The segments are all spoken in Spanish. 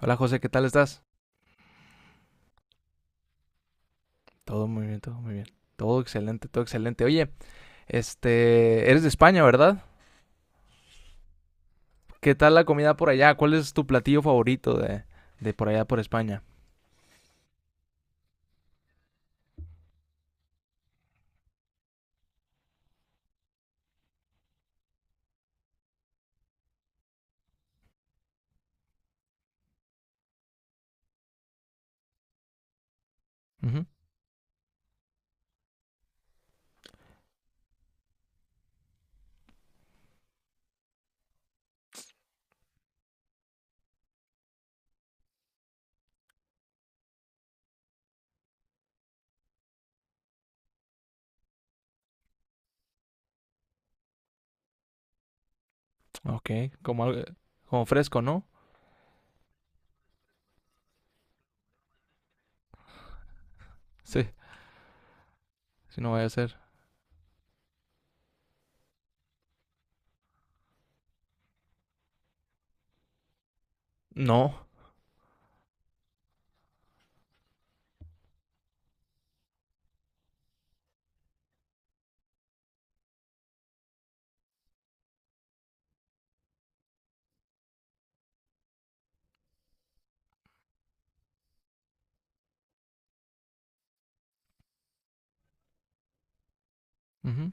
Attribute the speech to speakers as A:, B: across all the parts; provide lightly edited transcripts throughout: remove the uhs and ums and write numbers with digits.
A: Hola José, ¿qué tal estás? Todo muy bien, todo muy bien. Todo excelente, todo excelente. Oye, eres de España, ¿verdad? ¿Qué tal la comida por allá? ¿Cuál es tu platillo favorito de por allá por España? Ujú. Ok, como algo- como fresco, ¿no? Sí, si no vaya a ser. No. Ujú.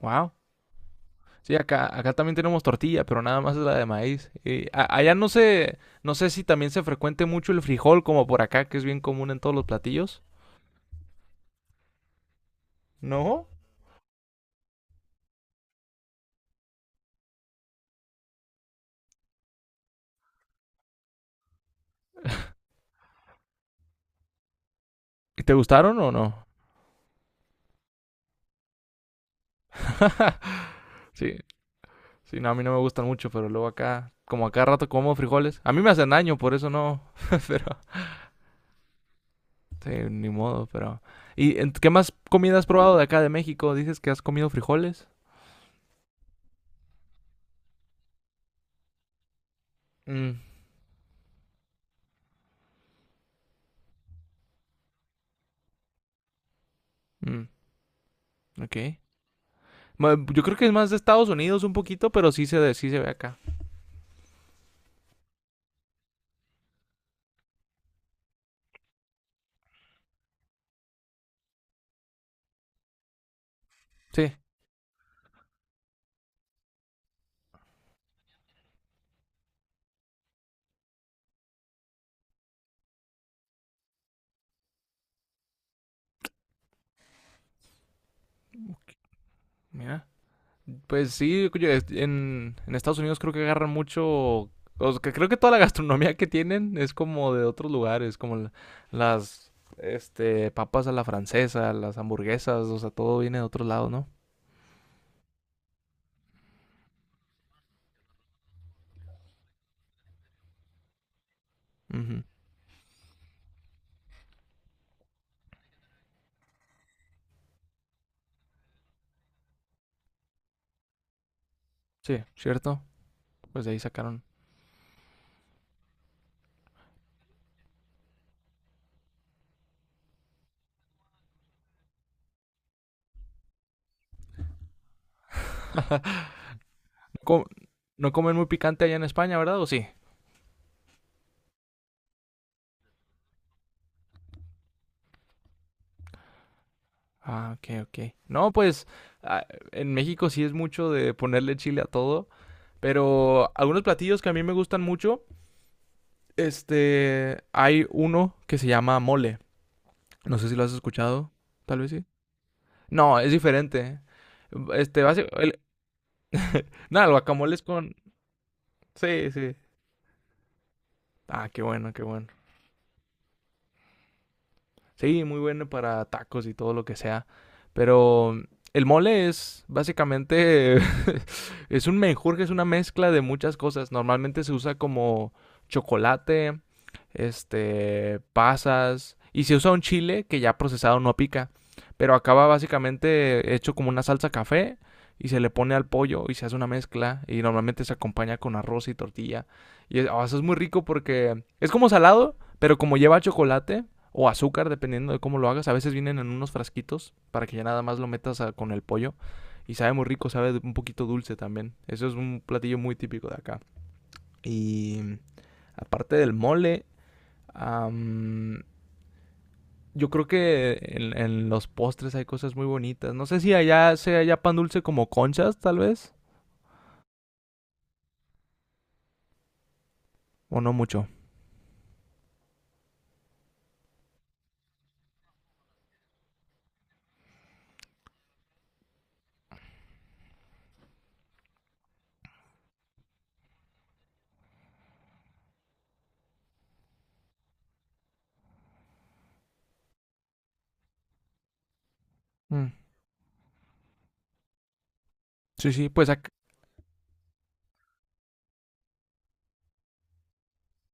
A: Wow. Sí, acá también tenemos tortilla, pero nada más es la de maíz. Allá no sé si también se frecuente mucho el frijol como por acá, que es bien común en todos los platillos. ¿No? ¿Y te gustaron o no? Sí, sí, no, a mí no me gustan mucho, pero luego acá, como acá rato como frijoles. A mí me hacen daño, por eso no. Pero, sí, ni modo, pero. ¿Y qué más comida has probado de acá de México? Dices que has comido frijoles. Mm, mm, ok. Yo creo que es más de Estados Unidos un poquito, pero sí se ve acá. Sí, mira. Pues sí, en Estados Unidos creo que agarran mucho, o sea, que creo que toda la gastronomía que tienen es como de otros lugares, como las papas a la francesa, las hamburguesas, o sea, todo viene de otros lados, ¿no? Ujú. Sí, cierto. Pues de ahí sacaron. No, no comen muy picante allá en España, ¿verdad? ¿O sí? Ah, ok, ok. No, pues ah, en México sí es mucho de ponerle chile a todo, pero algunos platillos que a mí me gustan mucho. Hay uno que se llama mole. No sé si lo has escuchado, tal vez sí. No, es diferente. Este, basi- el- nada, el guacamole es con... Sí, sí. Ah, qué bueno, qué bueno. Sí, muy bueno para tacos y todo lo que sea. Pero el mole es básicamente, es un menjurje, es una mezcla de muchas cosas. Normalmente se usa como chocolate, pasas, y se usa un chile que ya procesado no pica, pero acaba básicamente hecho como una salsa café y se le pone al pollo y se hace una mezcla y normalmente se acompaña con arroz y tortilla. Oh, eso es muy rico porque es como salado, pero como lleva chocolate o azúcar, dependiendo de cómo lo hagas. A veces vienen en unos frasquitos para que ya nada más lo metas con el pollo. Y sabe muy rico, sabe un poquito dulce también. Eso es un platillo muy típico de acá. Y aparte del mole, am, yo creo que en los postres hay cosas muy bonitas. No sé si allá sea ya pan dulce como conchas, tal vez, o no mucho. Mm, sí, sí, pues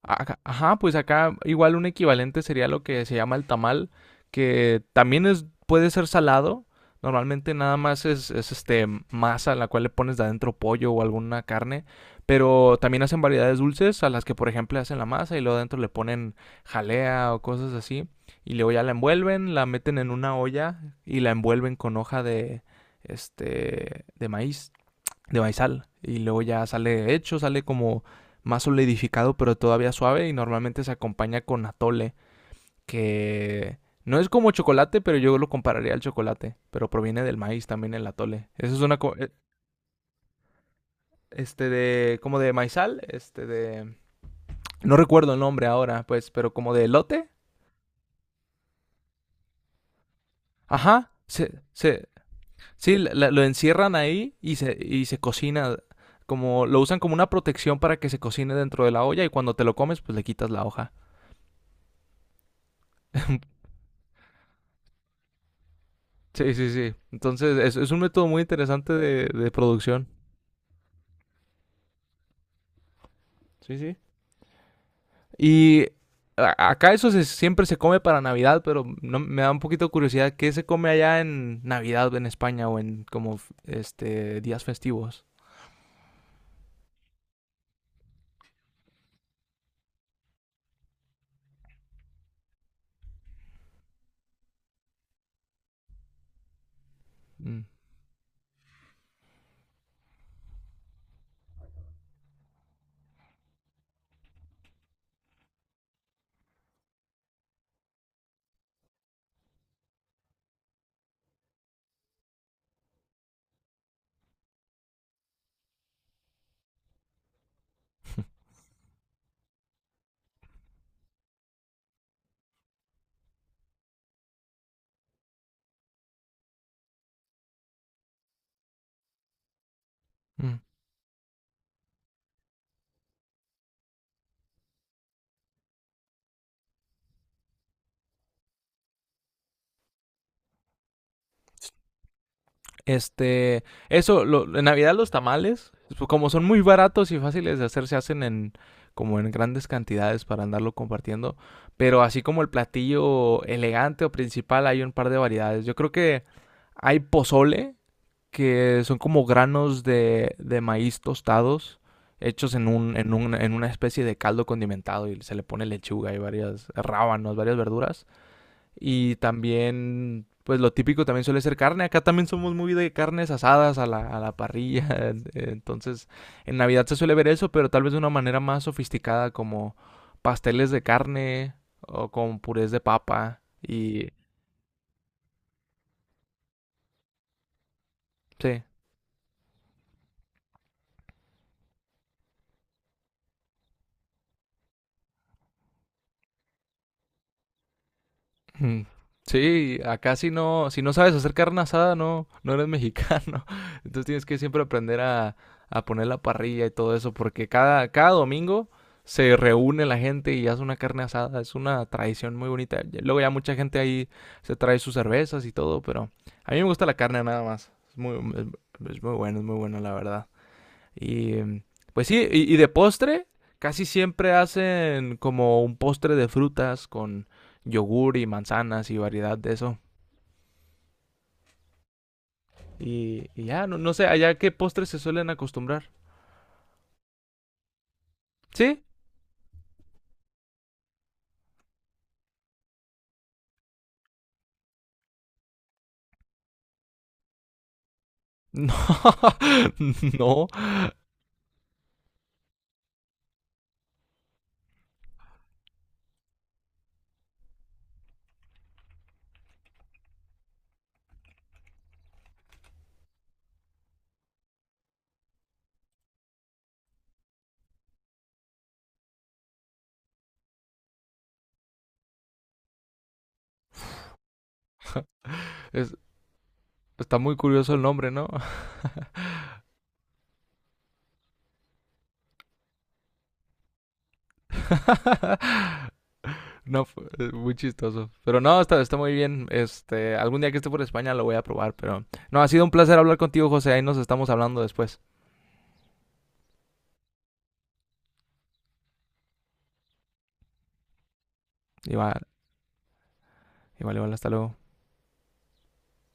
A: ajá, ajá, pues acá igual un equivalente sería lo que se llama el tamal, que también es, puede ser salado. Normalmente nada más es masa a la cual le pones de adentro pollo o alguna carne, pero también hacen variedades dulces a las que por ejemplo hacen la masa y luego adentro le ponen jalea o cosas así y luego ya la envuelven, la meten en una olla y la envuelven con hoja de de maíz de maizal. Y luego ya sale hecho, sale como más solidificado, pero todavía suave. Y normalmente se acompaña con atole, que no es como chocolate, pero yo lo compararía al chocolate. Pero proviene del maíz también el atole. Eso es una. Este de. Como de maizal, este de. No recuerdo el nombre ahora, pues, pero como de elote. Ajá. Sí, lo encierran ahí y se cocina como lo usan como una protección para que se cocine dentro de la olla y cuando te lo comes pues le quitas la hoja. Sí, sí, sí. Entonces, es un método muy interesante de producción. Sí, sí. Y acá eso siempre se come para Navidad, pero no, me da un poquito de curiosidad qué se come allá en Navidad en España o en como días festivos. Mm, mm. Este, eso, en Navidad los tamales, pues, como son muy baratos y fáciles de hacer, se hacen en como en grandes cantidades para andarlo compartiendo. Pero así como el platillo elegante o principal, hay un par de variedades. Yo creo que hay pozole, que son como granos de maíz tostados, hechos en una especie de caldo condimentado y se le pone lechuga y varias rábanos, varias verduras. Y también, pues lo típico también suele ser carne. Acá también somos muy de carnes asadas a la parrilla. Entonces, en Navidad se suele ver eso, pero tal vez de una manera más sofisticada, como pasteles de carne o con purés de papa. Y sí. Mm, sí, acá si no sabes hacer carne asada, no, no eres mexicano. Entonces tienes que siempre aprender a poner la parrilla y todo eso, porque cada domingo se reúne la gente y hace una carne asada. Es una tradición muy bonita. Luego ya mucha gente ahí se trae sus cervezas y todo, pero a mí me gusta la carne nada más. Es muy bueno, es muy bueno, la verdad. Y pues sí, y de postre, casi siempre hacen como un postre de frutas con yogur y manzanas y variedad de eso. Y ya, no, no sé, allá qué postres se suelen acostumbrar. ¿Sí? No, no. Es- está muy curioso el nombre, ¿no? No, muy chistoso. Pero no, está muy bien. Algún día que esté por España lo voy a probar, pero no, ha sido un placer hablar contigo, José. Ahí nos estamos hablando después. Igual, igual, igual, hasta luego.